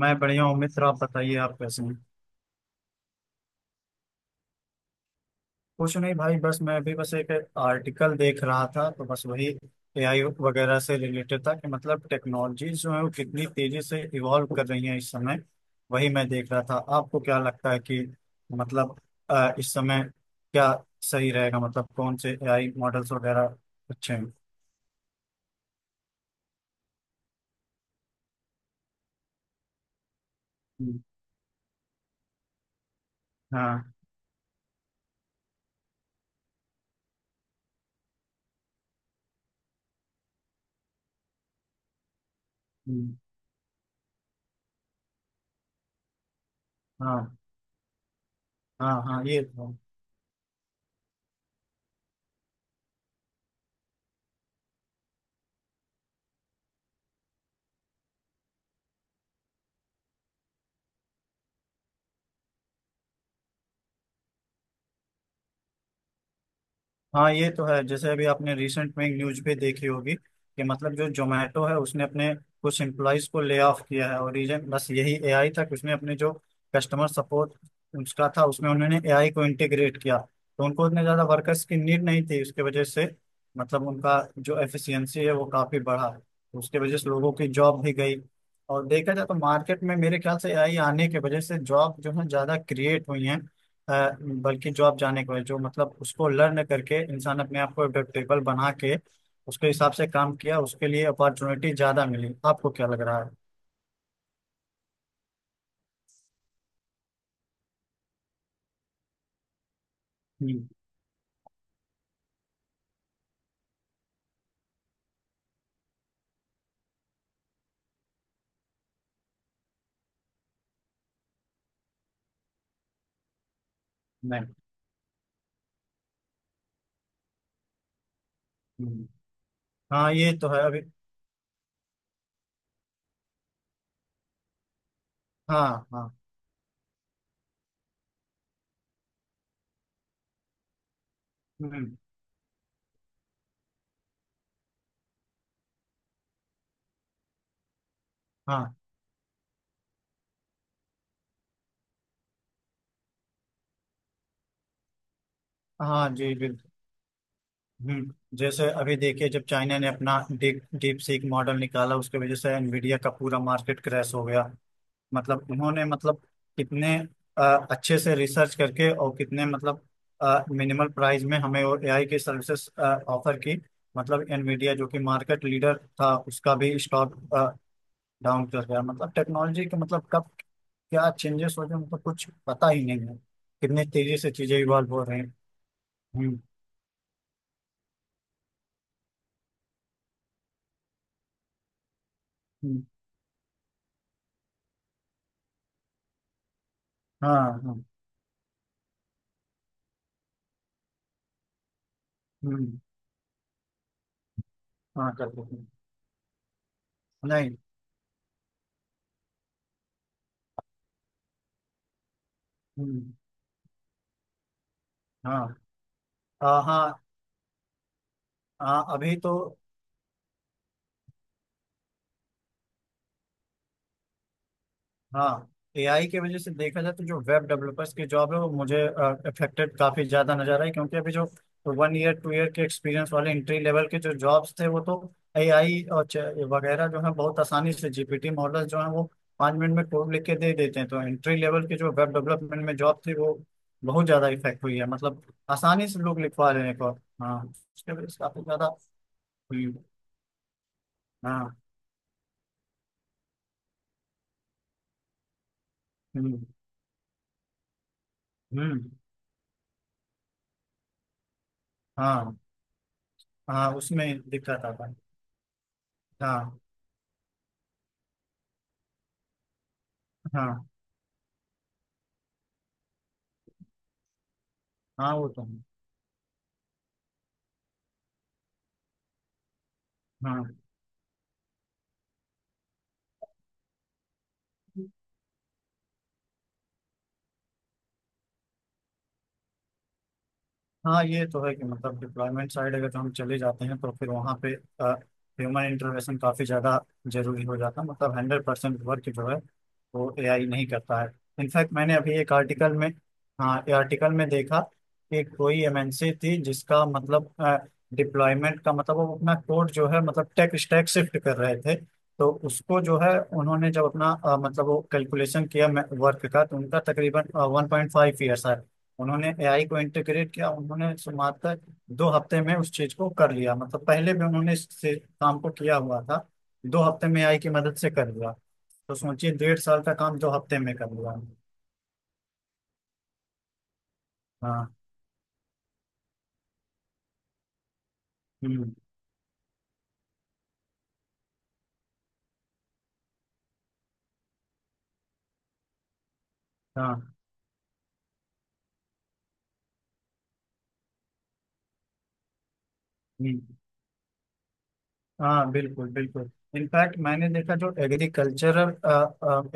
मैं बढ़िया हूँ मित्र। आप बताइए, आप कैसे हैं? कुछ नहीं भाई, बस मैं अभी बस एक आर्टिकल देख रहा था, तो बस वही एआई वगैरह से रिलेटेड था कि मतलब टेक्नोलॉजी जो है वो कितनी तेजी से इवॉल्व कर रही है इस समय। वही मैं देख रहा था। आपको क्या लगता है कि मतलब इस समय क्या सही रहेगा, मतलब कौन से एआई मॉडल्स वगैरह अच्छे हैं? हम्म, हाँ। हम्म, हाँ हाँ। हाँ ये तो है। हाँ ये तो है। जैसे अभी आपने रिसेंट में एक न्यूज पे देखी होगी कि मतलब जो जोमेटो है उसने अपने कुछ एम्प्लॉयज को ले ऑफ किया है, और रीजन बस यही एआई था कि उसने अपने जो कस्टमर सपोर्ट उसका था उसमें उन्होंने एआई को इंटीग्रेट किया, तो उनको उतने ज्यादा वर्कर्स की नीड नहीं थी उसके वजह से। मतलब उनका जो एफिशिएंसी है वो काफी बढ़ा, तो उसके वजह से लोगों की जॉब भी गई। और देखा जाए तो मार्केट में मेरे ख्याल से एआई आने की वजह से जॉब जो है ज्यादा क्रिएट हुई हैं। अ, बल्कि जॉब जाने के बाद जो मतलब उसको लर्न करके इंसान अपने आप को एडेप्टेबल बना के उसके हिसाब से काम किया, उसके लिए अपॉर्चुनिटी ज्यादा मिली। आपको क्या लग रहा है? हम्म, नहीं। हम्म, हाँ ये तो है अभी। हाँ हाँ। हम्म, हाँ। हाँ जी बिल्कुल। हम्म, जैसे अभी देखिए जब चाइना ने अपना डीप डीप सीक मॉडल निकाला, उसके वजह से एनवीडिया का पूरा मार्केट क्रैश हो गया। मतलब इन्होंने मतलब कितने अ, अच्छे से रिसर्च करके और कितने मतलब मिनिमल प्राइस में हमें वो एआई की सर्विसेज ऑफर की। मतलब एनवीडिया जो कि मार्केट लीडर था उसका भी स्टॉक डाउन कर गया। मतलब टेक्नोलॉजी के मतलब कब क्या चेंजेस हो गए, मतलब कुछ पता ही नहीं है कितनी तेजी से चीजें इवॉल्व हो रही हैं। हम्म। हम्म, हाँ हाँ। हम्म, हाँ कर देते हैं। नहीं। हम्म। हाँ। हाँ। हाँ अभी तो। हाँ, एआई के वजह से देखा जाए तो जो वेब डेवलपर्स की जॉब है वो मुझे अफेक्टेड काफी ज्यादा नजर आई, क्योंकि अभी जो वन ईयर टू ईयर के एक्सपीरियंस वाले एंट्री लेवल के जो जॉब्स थे वो तो एआई और वगैरह जो है बहुत आसानी से जीपीटी मॉडल्स जो है वो पाँच मिनट में कोड लिख के दे देते हैं, तो एंट्री लेवल के जो वेब डेवलपमेंट में जॉब थी वो बहुत ज्यादा इफेक्ट हुई है। मतलब आसानी से लोग लिखवा रहे हैं कोड। हाँ उसके वजह से काफी ज्यादा हुई। हाँ। हम्म। हम्म। हाँ हाँ। उसमें दिक्कत आता है। हाँ हाँ। हाँ वो तो है। हाँ। हाँ ये तो है कि मतलब डिप्लॉयमेंट साइड अगर हम चले जाते हैं तो फिर वहाँ पे ह्यूमन इंटरवेंशन काफ़ी ज़्यादा जरूरी हो जाता है। मतलब हंड्रेड परसेंट वर्क जो है वो एआई नहीं करता है। इनफैक्ट मैंने अभी एक आर्टिकल में हाँ ये आर्टिकल में देखा कि कोई एमएनसी थी जिसका मतलब डिप्लॉयमेंट का मतलब वो अपना कोड जो है मतलब टेक स्टैक शिफ्ट कर रहे थे तो उसको जो है उन्होंने जब अपना मतलब वो कैलकुलेशन किया वर्क का, तो उनका तकरीबन वन पॉइंट फाइव ईयर्स है उन्होंने एआई को इंटीग्रेट किया, उन्होंने मात्र दो हफ्ते में उस चीज को कर लिया। मतलब पहले भी उन्होंने इस से काम को किया हुआ था। दो हफ्ते में एआई की मदद से कर लिया। तो सोचिए, डेढ़ साल का काम दो हफ्ते में कर लिया। हाँ। हम्म। हाँ। हम्म। हाँ बिल्कुल बिल्कुल। इनफैक्ट मैंने देखा जो एग्रीकल्चर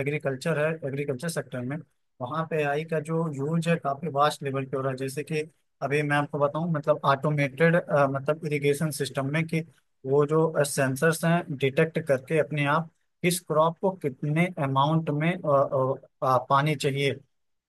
एग्रीकल्चर है, एग्रीकल्चर सेक्टर में वहाँ पे आई का जो यूज है काफी वास्ट लेवल पे हो रहा है। जैसे कि अभी मैं आपको बताऊँ मतलब ऑटोमेटेड मतलब इरिगेशन सिस्टम में कि वो जो सेंसर्स हैं डिटेक्ट करके अपने आप किस क्रॉप को कितने अमाउंट में पानी चाहिए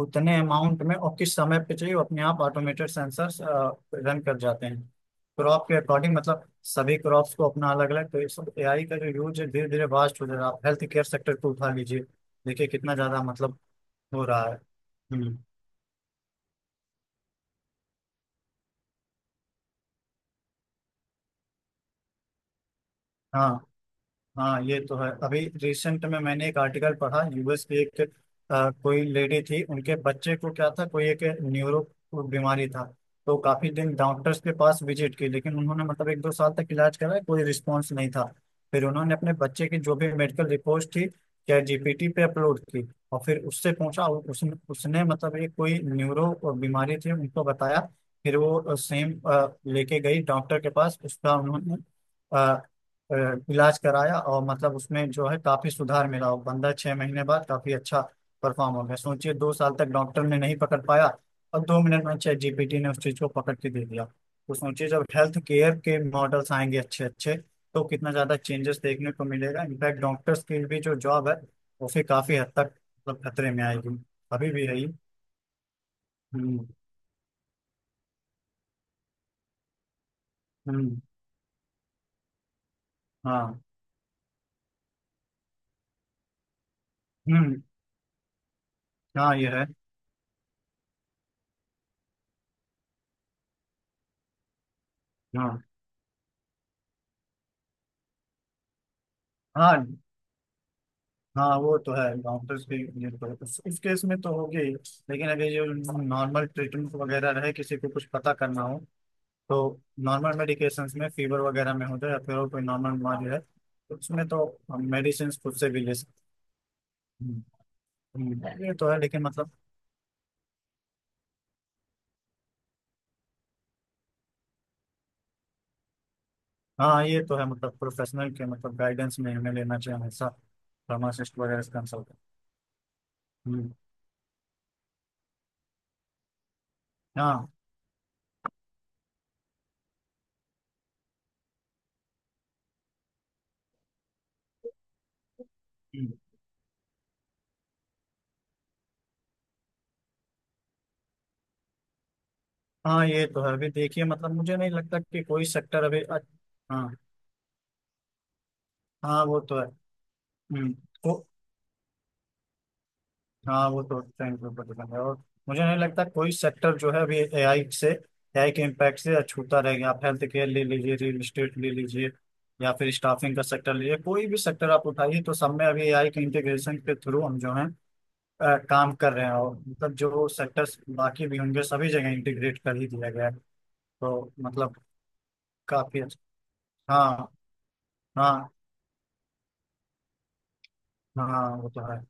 उतने अमाउंट में और किस समय पे चाहिए, वो अपने आप ऑटोमेटेड सेंसर्स रन कर जाते हैं क्रॉप के अकॉर्डिंग। मतलब सभी क्रॉप्स को अपना अलग अलग, तो ये सब एआई का जो यूज है धीरे धीरे वास्ट हो जा रहा है। आप हेल्थ केयर सेक्टर को उठा लीजिए, देखिए कितना ज्यादा मतलब हो रहा है। हम्म। हाँ। हाँ ये तो है। अभी रिसेंट में मैंने एक आर्टिकल पढ़ा, यूएस की एक कोई लेडी थी उनके बच्चे को क्या था कोई एक न्यूरो बीमारी था। तो काफी दिन डॉक्टर्स के पास विजिट की लेकिन उन्होंने मतलब एक दो साल तक इलाज कराया, कोई रिस्पॉन्स नहीं था। फिर उन्होंने अपने बच्चे की जो भी मेडिकल रिपोर्ट थी चैट जीपीटी पे अपलोड की और फिर उससे पूछा और उसने उसने मतलब ये कोई न्यूरो बीमारी थी उनको बताया। फिर वो सेम लेके गई डॉक्टर के पास, उसका उन्होंने अ, इलाज कराया और मतलब उसमें जो है काफी सुधार मिला और बंदा छह महीने बाद काफी अच्छा परफॉर्म हो गया। सोचिए, दो साल तक डॉक्टर ने नहीं पकड़ पाया और दो मिनट में चैट जीपीटी ने उस चीज को पकड़ के दे दिया। तो सोचिए जब हेल्थ केयर के मॉडल्स आएंगे अच्छे अच्छे, तो कितना ज्यादा चेंजेस देखने को मिलेगा। इनफैक्ट डॉक्टर्स की भी जो जॉब है वो फिर काफी हद तक मतलब खतरे में आएगी। अभी भी है ये। हम्म। हम्म। हाँ। हम्म। हाँ ये है। हाँ हाँ। हाँ वो तो है। डॉक्टर्स के लिए तो इस केस में तो होगी ही। लेकिन अगर ये नॉर्मल ट्रीटमेंट वगैरह रहे किसी को कुछ पता करना हो, तो नॉर्मल मेडिकेशन में फीवर वगैरह में हो जाए या फिर और कोई नॉर्मल बीमारी है तो उसमें तो हम मेडिसिन खुद से भी ले सकते हैं। ये तो है लेकिन मतलब हाँ ये तो है। मतलब प्रोफेशनल के मतलब गाइडेंस में हमें लेना चाहिए हमेशा फार्मासिस्ट वगैरह से कंसल्ट। हम्म, हाँ। हम्म, हाँ ये तो है। अभी देखिए मतलब मुझे नहीं लगता कि कोई सेक्टर अभी हाँ। हाँ वो तो है। हम्म, तो हाँ वो तो उसका इम्प्रूवमेंट दिखेंगे। और मुझे नहीं लगता कोई सेक्टर जो है अभी एआई से एआई के इम्पैक्ट से अछूता रह गया। आप हेल्थ केयर ले लीजिए, रियल इस्टेट ले लीजिए, या फिर स्टाफिंग का सेक्टर लीजिए, कोई भी सेक्टर आप उठाइए तो सब में अभी एआई के इंटीग्रेशन के थ्रू हम जो है काम कर रहे हैं, और मतलब जो सेक्टर्स बाकी भी होंगे सभी जगह इंटीग्रेट कर ही दिया गया है। तो मतलब काफी अच्छा। हाँ हाँ। हाँ वो तो है।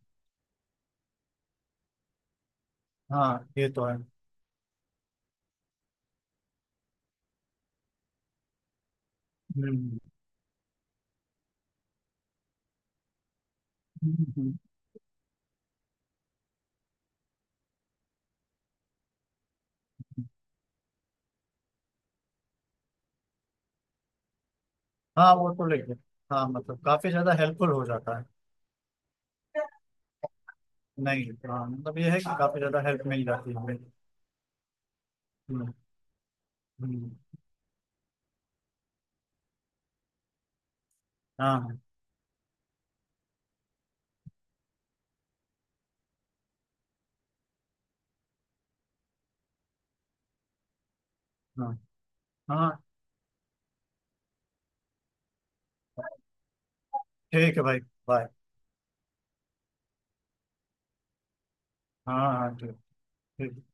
हाँ ये तो है। हम्म। हम्म। हम्म। हम्म। हाँ वो तो लेके हाँ मतलब काफी ज्यादा हेल्पफुल हो जाता है। नहीं, हाँ मतलब ये है कि काफी ज्यादा हेल्प मिल जाती है हमें। हम्म, हम्म, हाँ हाँ। हाँ ठीक है भाई, बाय। हाँ हाँ ठीक। ठीक।